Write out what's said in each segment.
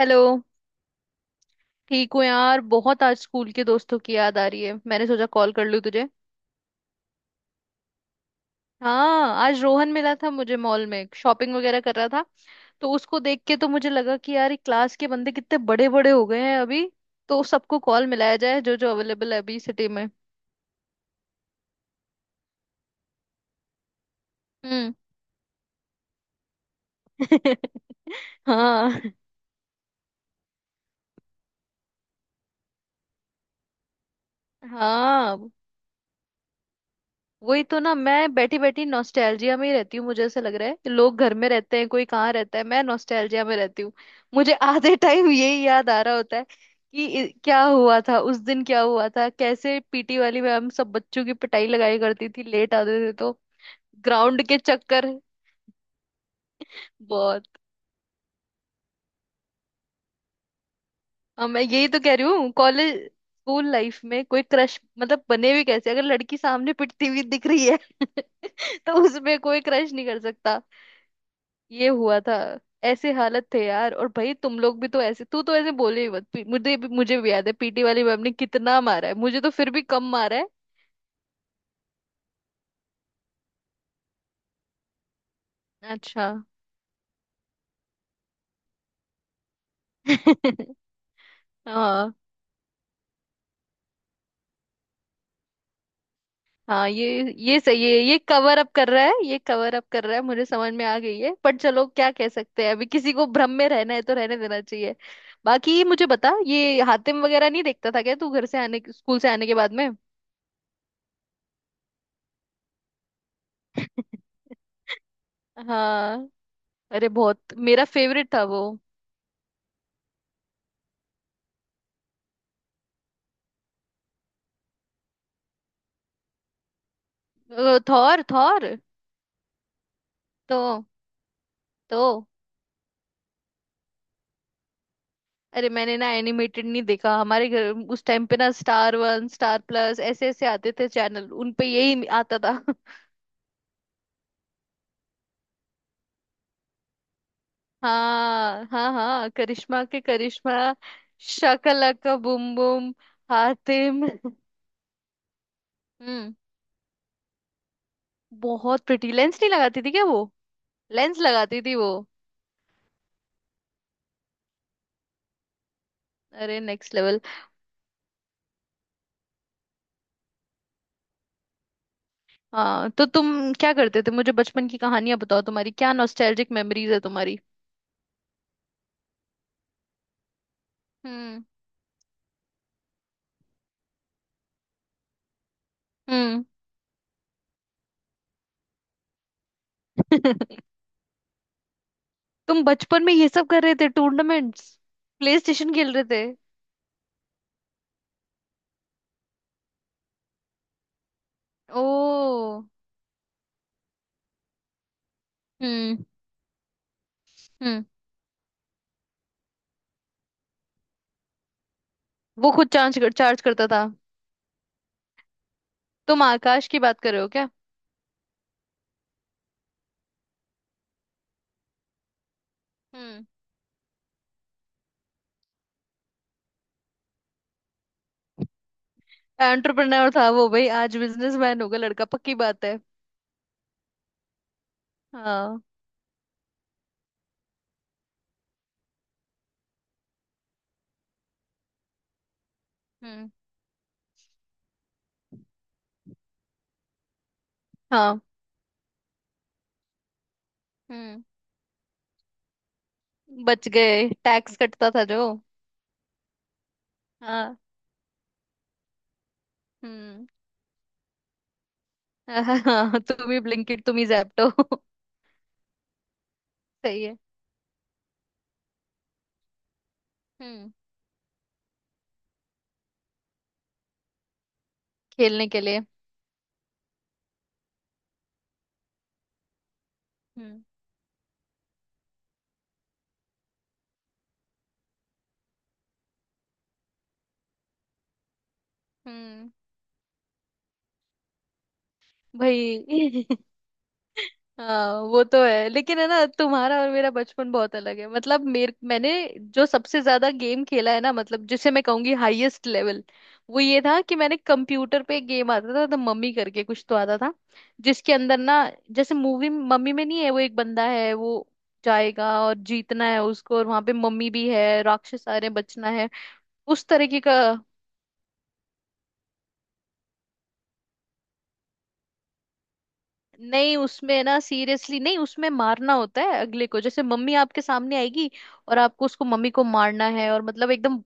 Hello. ठीक हूँ यार, बहुत आज स्कूल के दोस्तों की याद आ रही है। मैंने सोचा कॉल कर लूँ तुझे। हाँ, आज रोहन मिला था मुझे मॉल में, शॉपिंग वगैरह कर रहा था। तो उसको देख के तो मुझे लगा कि यार ये क्लास के बंदे कितने बड़े बड़े हो गए हैं अभी। तो सबको कॉल मिलाया जाए जो जो अवेलेबल है अभी सिटी में। हम्म। हाँ। हाँ, वही तो ना, मैं बैठी बैठी नॉस्टैल्जिया में ही रहती हूँ। मुझे ऐसा लग रहा है कि लोग घर में रहते हैं, कोई कहाँ रहता है, मैं नॉस्टैल्जिया में रहती हूँ। मुझे आधे टाइम यही याद आ रहा होता है कि क्या हुआ था उस दिन, क्या हुआ था, कैसे पीटी वाली में हम सब बच्चों की पिटाई लगाया करती थी, लेट आते थे तो। ग्राउंड के चक्कर। बहुत। अब मैं यही तो कह रही हूँ, कॉलेज स्कूल लाइफ में कोई क्रश मतलब बने भी कैसे अगर लड़की सामने पिटती हुई दिख रही है। तो उसमें कोई क्रश नहीं कर सकता। ये हुआ था। ऐसे हालत थे यार। और भाई तुम लोग भी तो ऐसे, तू तो ऐसे बोले ही मत। मुझे भी याद है पीटी वाली मैम ने कितना मारा है, मुझे तो फिर भी कम मारा है। अच्छा। हाँ। हाँ, ये सही है, ये कवर अप कर रहा है, ये कवर अप कर रहा है, मुझे समझ में आ गई है। पर चलो क्या कह सकते हैं, अभी किसी को भ्रम में रहना है तो रहने देना चाहिए। बाकी ये मुझे बता, ये हातिम वगैरह नहीं देखता था क्या तू घर से आने, स्कूल से आने के बाद में? हाँ, अरे बहुत मेरा फेवरेट था वो। थॉर। थॉर। तो तो। अरे मैंने ना एनिमेटेड नहीं देखा, हमारे घर उस टाइम पे ना स्टार वन, स्टार प्लस, ऐसे ऐसे आते थे चैनल, उन पे यही आता था। हाँ हाँ हाँ, करिश्मा के करिश्मा। Shaka Laka boom boom. हातिम। हम्म। बहुत प्रिटी, लेंस नहीं लगाती थी क्या वो? लेंस लगाती थी वो। अरे नेक्स्ट लेवल। हाँ, तो तुम क्या करते थे? मुझे बचपन की कहानियां बताओ तुम्हारी, क्या नॉस्टैल्जिक मेमोरीज है तुम्हारी? हम्म। हम्म। तुम बचपन में ये सब कर रहे थे, टूर्नामेंट्स, प्ले स्टेशन खेल रहे थे? ओ। हम्म। हम्म। वो खुद चार्ज करता था? तुम आकाश की बात कर रहे हो क्या? हम्म। एंटरप्रेन्योर था वो भाई, आज बिजनेसमैन होगा लड़का, पक्की बात है। हाँ। हम्म। हाँ। हम्म, बच गए, टैक्स कटता था जो। हाँ। हम्म। हाँ हाँ, तुम ही ब्लिंकिट, तुम ही जैप्टो। सही है। हम्म। खेलने के लिए? हम्म। हम्म। भाई। हाँ वो तो है, लेकिन है ना तुम्हारा और मेरा बचपन बहुत अलग है। मतलब मेरे, मैंने जो सबसे ज्यादा गेम खेला है ना, मतलब जिसे मैं कहूंगी हाईएस्ट लेवल, वो ये था कि मैंने कंप्यूटर पे गेम आता था तो मम्मी करके कुछ तो आता था, जिसके अंदर ना, जैसे मूवी मम्मी में नहीं है, वो एक बंदा है, वो जाएगा और जीतना है उसको, और वहां पे मम्मी भी है, राक्षस आ रहे हैं, बचना है। उस तरीके का। नहीं, उसमें ना, सीरियसली नहीं, उसमें मारना होता है अगले को। जैसे मम्मी आपके सामने आएगी और आपको उसको, मम्मी को मारना है, और मतलब एकदम।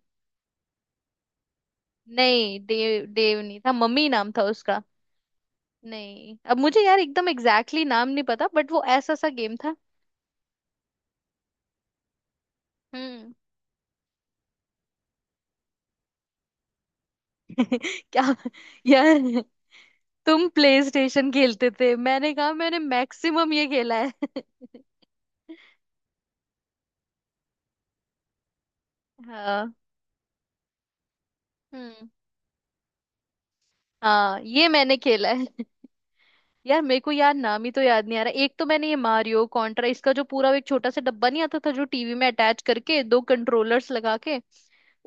नहीं, देव देव नहीं था, मम्मी नाम था उसका। नहीं, अब मुझे यार एकदम एग्जैक्टली exactly नाम नहीं पता, बट वो ऐसा सा गेम था। हम्म। क्या यार, तुम प्ले स्टेशन खेलते थे, मैंने कहा मैंने मैक्सिमम ये खेला है। हाँ। हम्म। हाँ ये मैंने खेला है। यार मेरे को यार नाम ही तो याद नहीं आ रहा। एक तो मैंने ये मारियो कॉन्ट्रा, इसका जो पूरा वो एक छोटा सा डब्बा नहीं आता था जो टीवी में अटैच करके दो कंट्रोलर्स लगा के,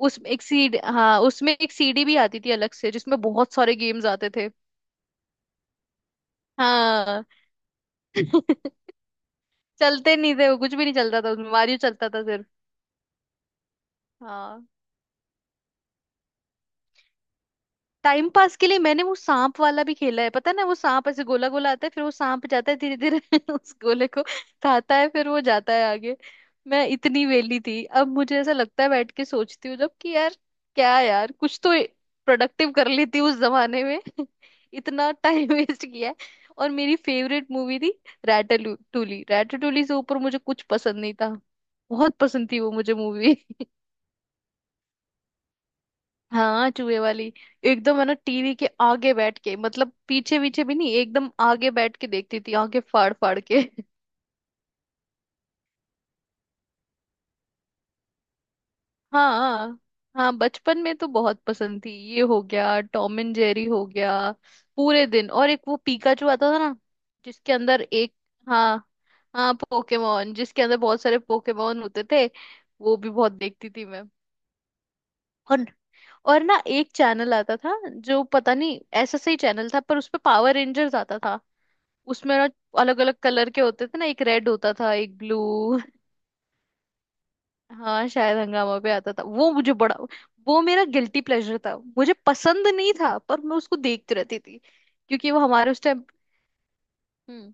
उस एक सीड हाँ, उसमें एक सीडी भी आती थी अलग से जिसमें बहुत सारे गेम्स आते थे। हाँ। चलते नहीं थे वो, कुछ भी नहीं चलता था उसमें, मारियो चलता था सिर्फ। हाँ। टाइम पास के लिए मैंने वो सांप वाला भी खेला है, पता है ना वो सांप ऐसे गोला गोला आता है, फिर वो सांप जाता है धीरे धीरे उस गोले को खाता है, फिर वो जाता है आगे। मैं इतनी वेली थी, अब मुझे ऐसा लगता है बैठ के सोचती हूँ जब कि यार, क्या यार, कुछ तो प्रोडक्टिव कर लेती उस जमाने में। इतना टाइम वेस्ट किया है। और मेरी फेवरेट मूवी थी रैटाटूली। रैटाटूली से ऊपर मुझे कुछ पसंद नहीं था, बहुत पसंद थी वो मुझे मूवी। हाँ, चूहे वाली। एकदम है ना टीवी के आगे बैठ के, मतलब पीछे पीछे भी नहीं, एकदम आगे बैठ के देखती थी आगे, फाड़ फाड़ के। हाँ। हाँ, बचपन में तो बहुत पसंद थी, ये हो गया टॉम एंड जेरी हो गया पूरे दिन, और एक वो पीकाचू आता था ना, जिसके अंदर एक, हाँ, हाँ पोकेमोन, जिसके अंदर बहुत सारे पोकेमोन होते थे, वो भी बहुत देखती थी मैं। और और ना एक चैनल आता था जो पता नहीं ऐसा सही चैनल था, पर उस पे पावर रेंजर्स आता था। उसमें ना अलग अलग कलर के होते थे ना, एक रेड होता था, एक ब्लू। हाँ शायद हंगामा पे आता था वो, मुझे बड़ा, वो मेरा गिल्टी प्लेजर था, मुझे पसंद नहीं था पर मैं उसको देखती रहती थी क्योंकि वो हमारे उस टाइम। हम्म।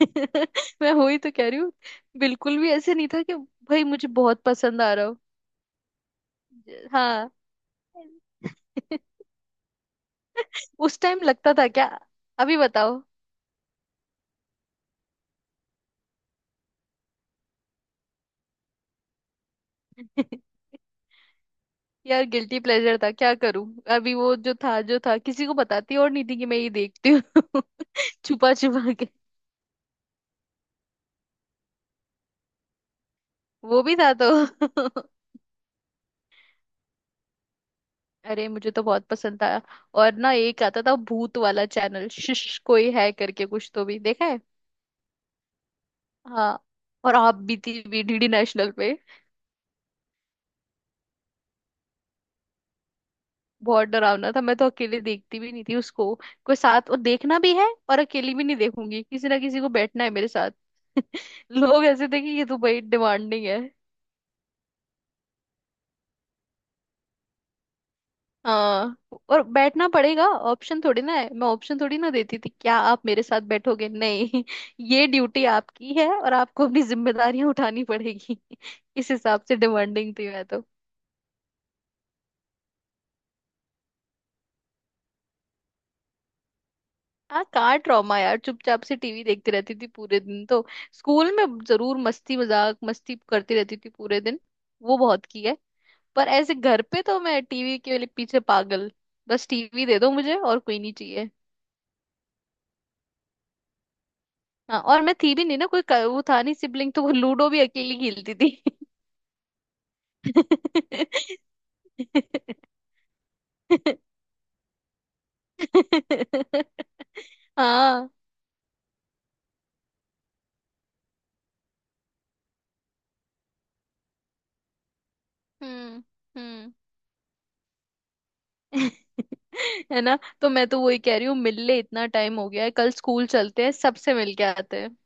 मैं वही तो कह रही हूँ, बिल्कुल भी ऐसे नहीं था कि भाई मुझे बहुत पसंद आ रहा हो। हाँ। उस टाइम लगता था क्या? अभी बताओ। यार गिल्टी प्लेजर था, क्या करूं? अभी वो जो था किसी को बताती और नहीं थी कि मैं ये देखती हूँ। छुपा छुपा के। वो भी था तो। अरे, मुझे तो बहुत पसंद था। और ना एक आता था भूत वाला चैनल, शिश कोई है करके कुछ तो भी देखा है। हाँ। और आप बीती भी डीडी नेशनल पे। बहुत डरावना था, मैं तो अकेले देखती भी नहीं थी उसको। कोई साथ, और देखना भी है और अकेली भी नहीं देखूंगी, किसी ना किसी को बैठना है मेरे साथ। लोग ऐसे थे कि ये तो भाई डिमांडिंग है। हाँ, और बैठना पड़ेगा, ऑप्शन थोड़ी ना है, मैं ऑप्शन थोड़ी ना देती थी क्या आप मेरे साथ बैठोगे नहीं? ये ड्यूटी आपकी है और आपको अपनी जिम्मेदारियां उठानी पड़ेगी। इस हिसाब से डिमांडिंग थी मैं तो। हाँ, कहाँ ट्रॉमा यार, चुपचाप से टीवी देखती रहती थी पूरे दिन तो। स्कूल में जरूर मस्ती मजाक मस्ती करती रहती थी पूरे दिन, वो बहुत की है। पर ऐसे घर पे तो मैं टीवी के लिए पीछे पागल, बस टीवी दे दो मुझे और कोई नहीं चाहिए। हाँ, और मैं थी भी नहीं ना कोई, वो था नहीं सिबलिंग तो वो लूडो भी अकेली खेलती थी। हाँ। हम्म। हम्म। है ना तो मैं तो वही कह रही हूँ, मिल ले, इतना टाइम हो गया है, कल स्कूल चलते हैं, सबसे मिल के आते हैं।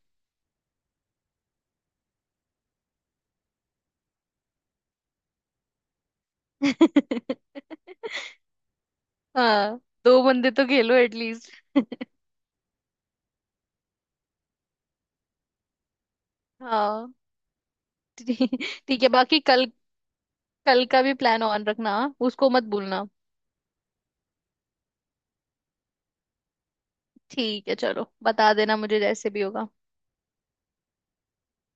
हाँ, दो बंदे तो खेलो एटलीस्ट। हाँ, ठीक ठीक है, बाकी कल, कल का भी प्लान ऑन रखना, हाँ? उसको मत भूलना। ठीक है, चलो बता देना मुझे जैसे भी होगा।